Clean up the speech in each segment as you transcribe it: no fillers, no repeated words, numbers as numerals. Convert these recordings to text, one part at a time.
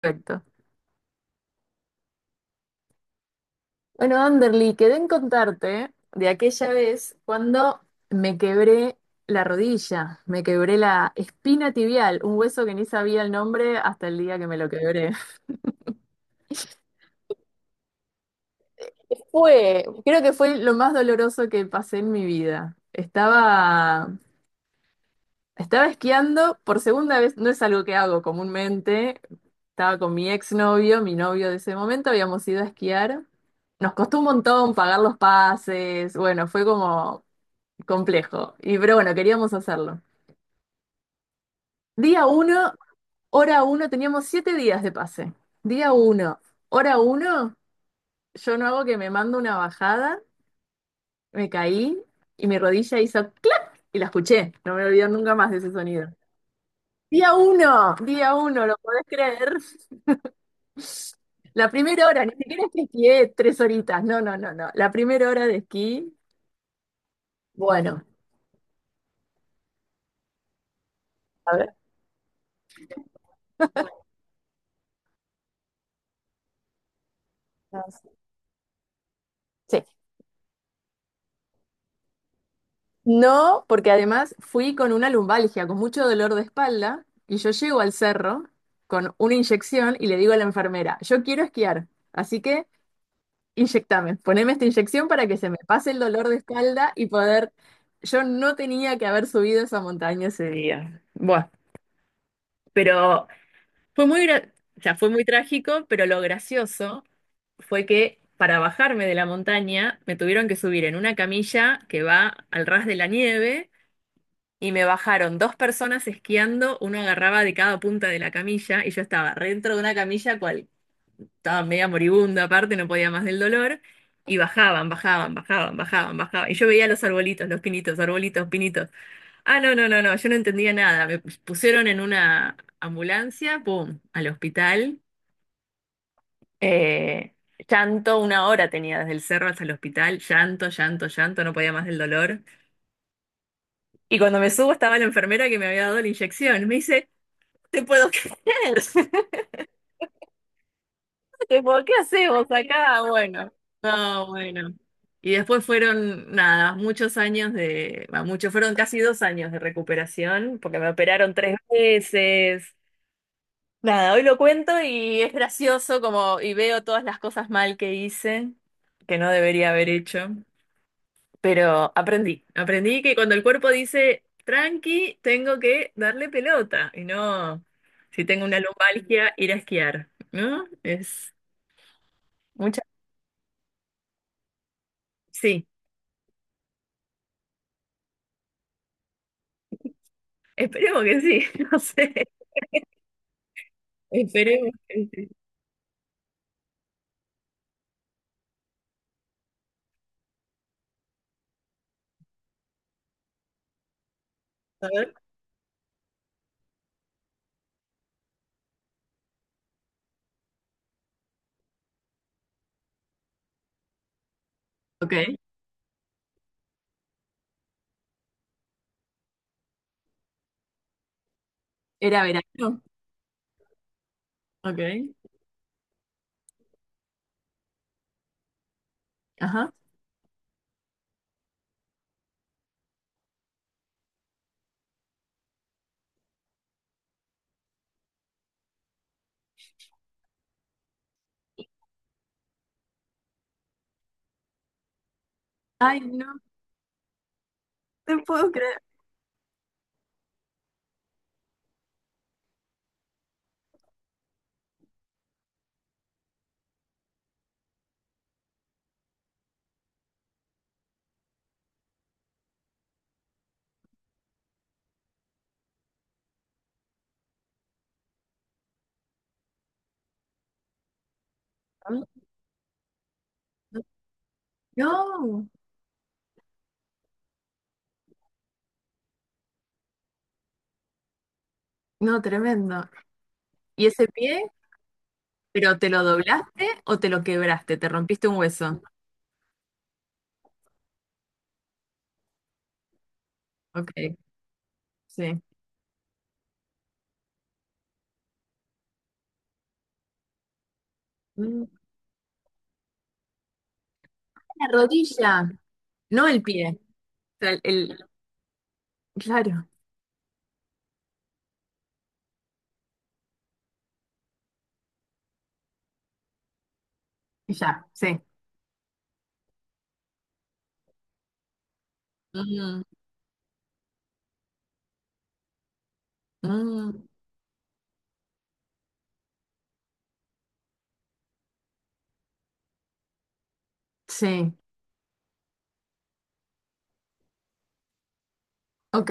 Perfecto. Bueno, Anderly, quedé en contarte de aquella vez cuando me quebré la rodilla, me quebré la espina tibial, un hueso que ni sabía el nombre hasta el día que me lo quebré. Fue, creo que fue lo más doloroso que pasé en mi vida. Estaba esquiando por segunda vez, no es algo que hago comúnmente. Estaba con mi exnovio, mi novio de ese momento, habíamos ido a esquiar. Nos costó un montón pagar los pases, bueno, fue como complejo. Y pero bueno, queríamos hacerlo. Día uno, hora uno, teníamos 7 días de pase. Día uno, hora uno, yo no hago que me mando una bajada, me caí y mi rodilla hizo clac y la escuché. No me olvido nunca más de ese sonido. Día uno, ¿lo podés creer? La primera hora, ni siquiera es que esquié tres horitas, no, no, no, no. La primera hora de esquí, bueno, a ver. Sí. No, porque además fui con una lumbalgia, con mucho dolor de espalda, y yo llego al cerro con una inyección y le digo a la enfermera, yo quiero esquiar, así que inyectame, poneme esta inyección para que se me pase el dolor de espalda y poder... Yo no tenía que haber subido esa montaña ese día. Bueno, pero fue muy, o sea, fue muy trágico, pero lo gracioso fue que para bajarme de la montaña me tuvieron que subir en una camilla que va al ras de la nieve. Y me bajaron dos personas esquiando, uno agarraba de cada punta de la camilla y yo estaba re dentro de una camilla cual estaba media moribunda aparte, no podía más del dolor, y bajaban, bajaban, bajaban, bajaban, bajaban. Y yo veía los arbolitos, los pinitos, arbolitos, pinitos. Ah, no, no, no, no, yo no entendía nada. Me pusieron en una ambulancia, pum, al hospital. Eh, Llanto, una hora tenía desde el cerro hasta el hospital, llanto, llanto, llanto, no podía más del dolor. Y cuando me subo estaba la enfermera que me había dado la inyección. Me dice, ¿te puedo creer? ¿Te puedo qué hacemos acá? Bueno, no, bueno. Y después fueron, nada, muchos años de, va, muchos, fueron casi 2 años de recuperación, porque me operaron 3 veces. Nada, hoy lo cuento y es gracioso como, y veo todas las cosas mal que hice, que no debería haber hecho. Pero aprendí, aprendí que cuando el cuerpo dice tranqui, tengo que darle pelota y no, si tengo una lumbalgia, ir a esquiar, ¿no? Es mucha. Sí, esperemos que sí, no sé, esperemos que sí. A ver. Ok, era verano. Ok, ajá. Ay, no, te puedo creer. No, no, tremendo. ¿Y ese pie? ¿Pero te lo doblaste o te lo quebraste? ¿Te rompiste un hueso? Ok, sí. La rodilla, no el pie. O sea, el, claro, ya, sí. Mm, mm, sí, ok.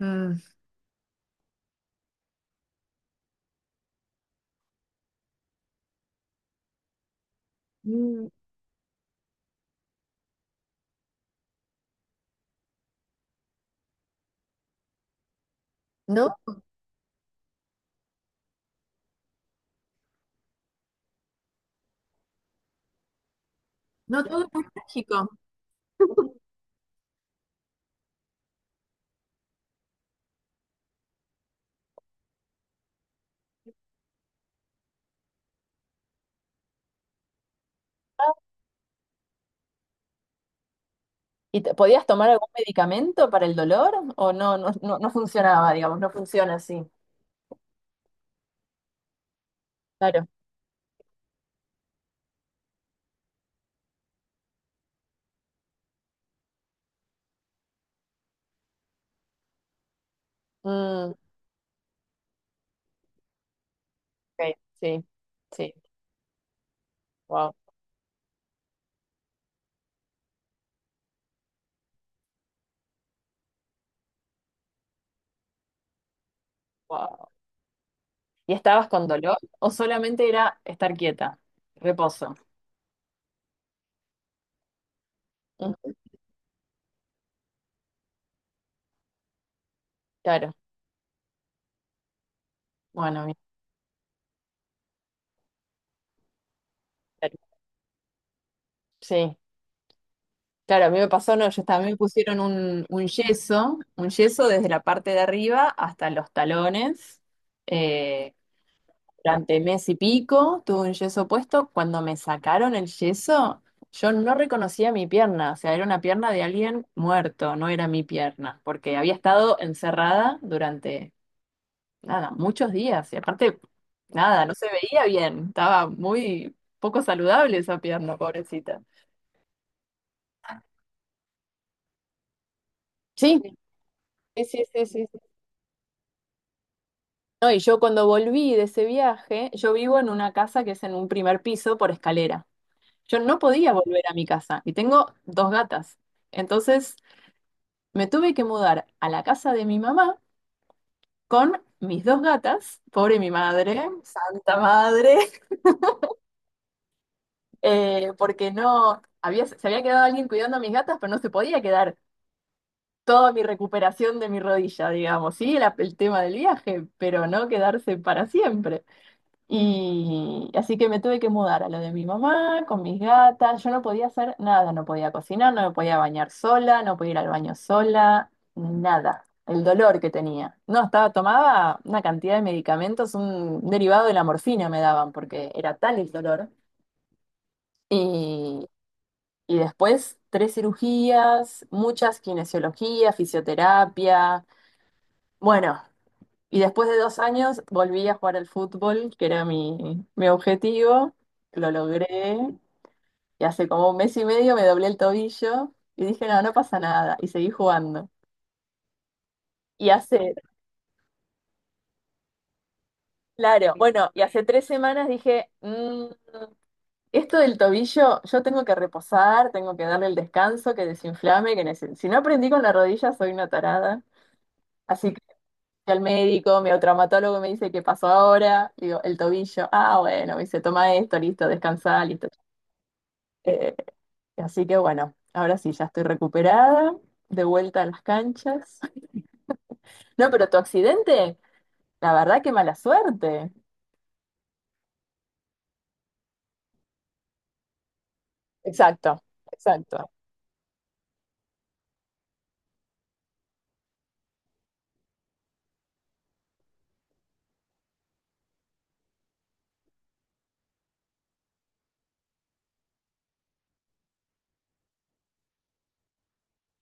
Mm, mm, ¿no? No todo es mágico. ¿Y podías tomar algún medicamento para el dolor? ¿O no, no, no, no funcionaba, digamos, no funciona así? Claro. Mm, ok, sí, sí, wow, wow. ¿Y estabas con dolor? ¿O solamente era estar quieta, reposo? Mm, claro, bueno, bien, claro. Sí, claro, a mí me pasó, no, a mí me pusieron un yeso, un yeso desde la parte de arriba hasta los talones. eh, durante mes y pico tuve un yeso puesto. Cuando me sacaron el yeso, yo no reconocía mi pierna, o sea, era una pierna de alguien muerto, no era mi pierna, porque había estado encerrada durante, nada, muchos días. Y aparte, nada, no se veía bien, estaba muy poco saludable esa pierna, pobrecita. Sí, sí, sí, sí, sí, no, y yo cuando volví de ese viaje, yo vivo en una casa que es en un primer piso por escalera. Yo no podía volver a mi casa y tengo dos gatas. Entonces me tuve que mudar a la casa de mi mamá con mis dos gatas, pobre mi madre, santa madre, porque no, había, se había quedado alguien cuidando a mis gatas, pero no se podía quedar toda mi recuperación de mi rodilla, digamos, sí, era el tema del viaje, pero no quedarse para siempre. Y así que me tuve que mudar a lo de mi mamá, con mis gatas. Yo no podía hacer nada, no podía cocinar, no me podía bañar sola, no podía ir al baño sola, nada. El dolor que tenía. No, estaba, tomaba una cantidad de medicamentos, un derivado de la morfina me daban, porque era tal el dolor. Y, y después tres cirugías, muchas kinesiologías, fisioterapia. Bueno, y después de 2 años volví a jugar al fútbol, que era mi objetivo, lo logré, y hace como un mes y medio me doblé el tobillo y dije, no, no pasa nada, y seguí jugando. Y hace, claro, bueno, y hace 3 semanas dije, esto del tobillo, yo tengo que reposar, tengo que darle el descanso, que desinflame, que si no aprendí con la rodilla soy una tarada. Así que fui al médico, mi traumatólogo me dice, ¿qué pasó ahora? Digo, el tobillo, ah, bueno, me dice, toma esto, listo, descansa, listo. Eh, así que bueno, ahora sí, ya estoy recuperada, de vuelta a las canchas. No, pero tu accidente, la verdad que mala suerte. Exacto, exacto.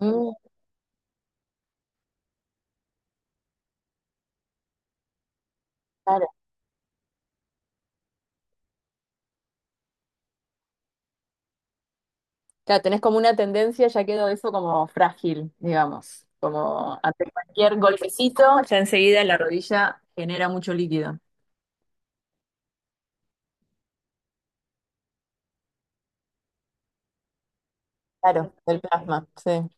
Mm, claro. Claro, tenés como una tendencia, ya quedó eso como frágil, digamos, como ante cualquier golpecito, ya enseguida la rodilla genera mucho líquido. Claro, del plasma, sí.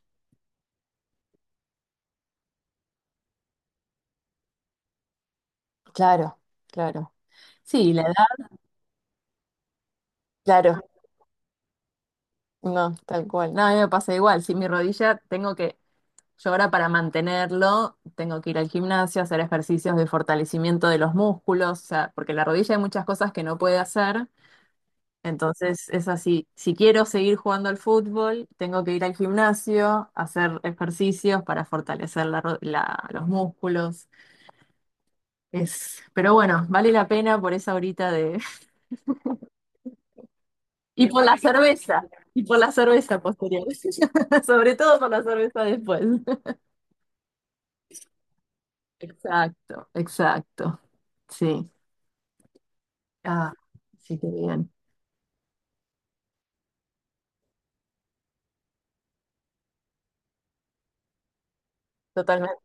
Claro, claro, sí, la edad, claro. No, tal cual. No, a mí me pasa igual, si mi rodilla tengo que yo ahora para mantenerlo tengo que ir al gimnasio, hacer ejercicios de fortalecimiento de los músculos, o sea, porque la rodilla hay muchas cosas que no puede hacer. Entonces es así, si quiero seguir jugando al fútbol, tengo que ir al gimnasio, hacer ejercicios para fortalecer los músculos. Es, pero bueno, vale la pena por esa horita de... Y por la cerveza, y por la cerveza posterior. Sobre todo por la cerveza después. Exacto, exacto. Sí. Ah, sí, qué bien. Totalmente,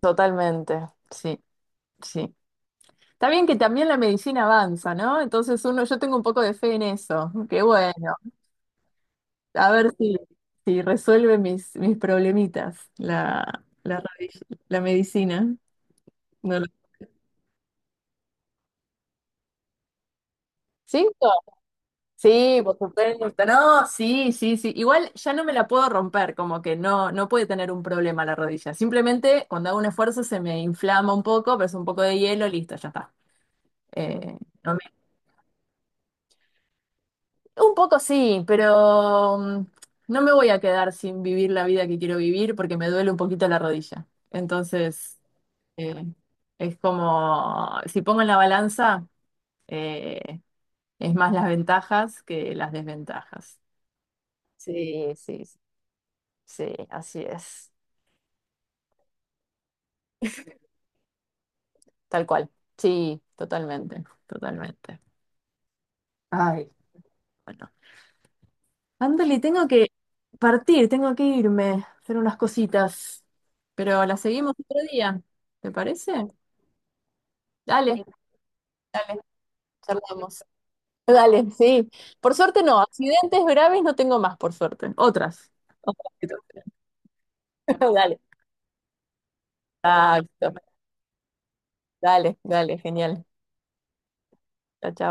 totalmente, sí, sí. Está bien que también la medicina avanza, ¿no? Entonces uno, yo tengo un poco de fe en eso. Qué bueno. A ver si resuelve mis problemitas la medicina. No lo- ¿Cinco? Sí, por supuesto. No, sí, sí, sí. Igual ya no me la puedo romper, como que no, no puede tener un problema la rodilla. Simplemente cuando hago un esfuerzo se me inflama un poco, pero es un poco de hielo, listo, ya está. Eh, no me- un poco sí, pero no me voy a quedar sin vivir la vida que quiero vivir porque me duele un poquito la rodilla. Entonces, eh, es como, si pongo en la balanza, eh, es más las ventajas que las desventajas. Sí, sí, sí, así es, tal cual. Sí, totalmente, totalmente. Ay. Bueno. Ándale, tengo que partir, tengo que irme, hacer unas cositas. Pero la seguimos otro día, ¿te parece? Sí, dale, dale, charlamos. Dale, sí. Por suerte no, accidentes graves no tengo más, por suerte. Otras. Otras Dale. Exacto. Dale, dale, genial. Chao, chao.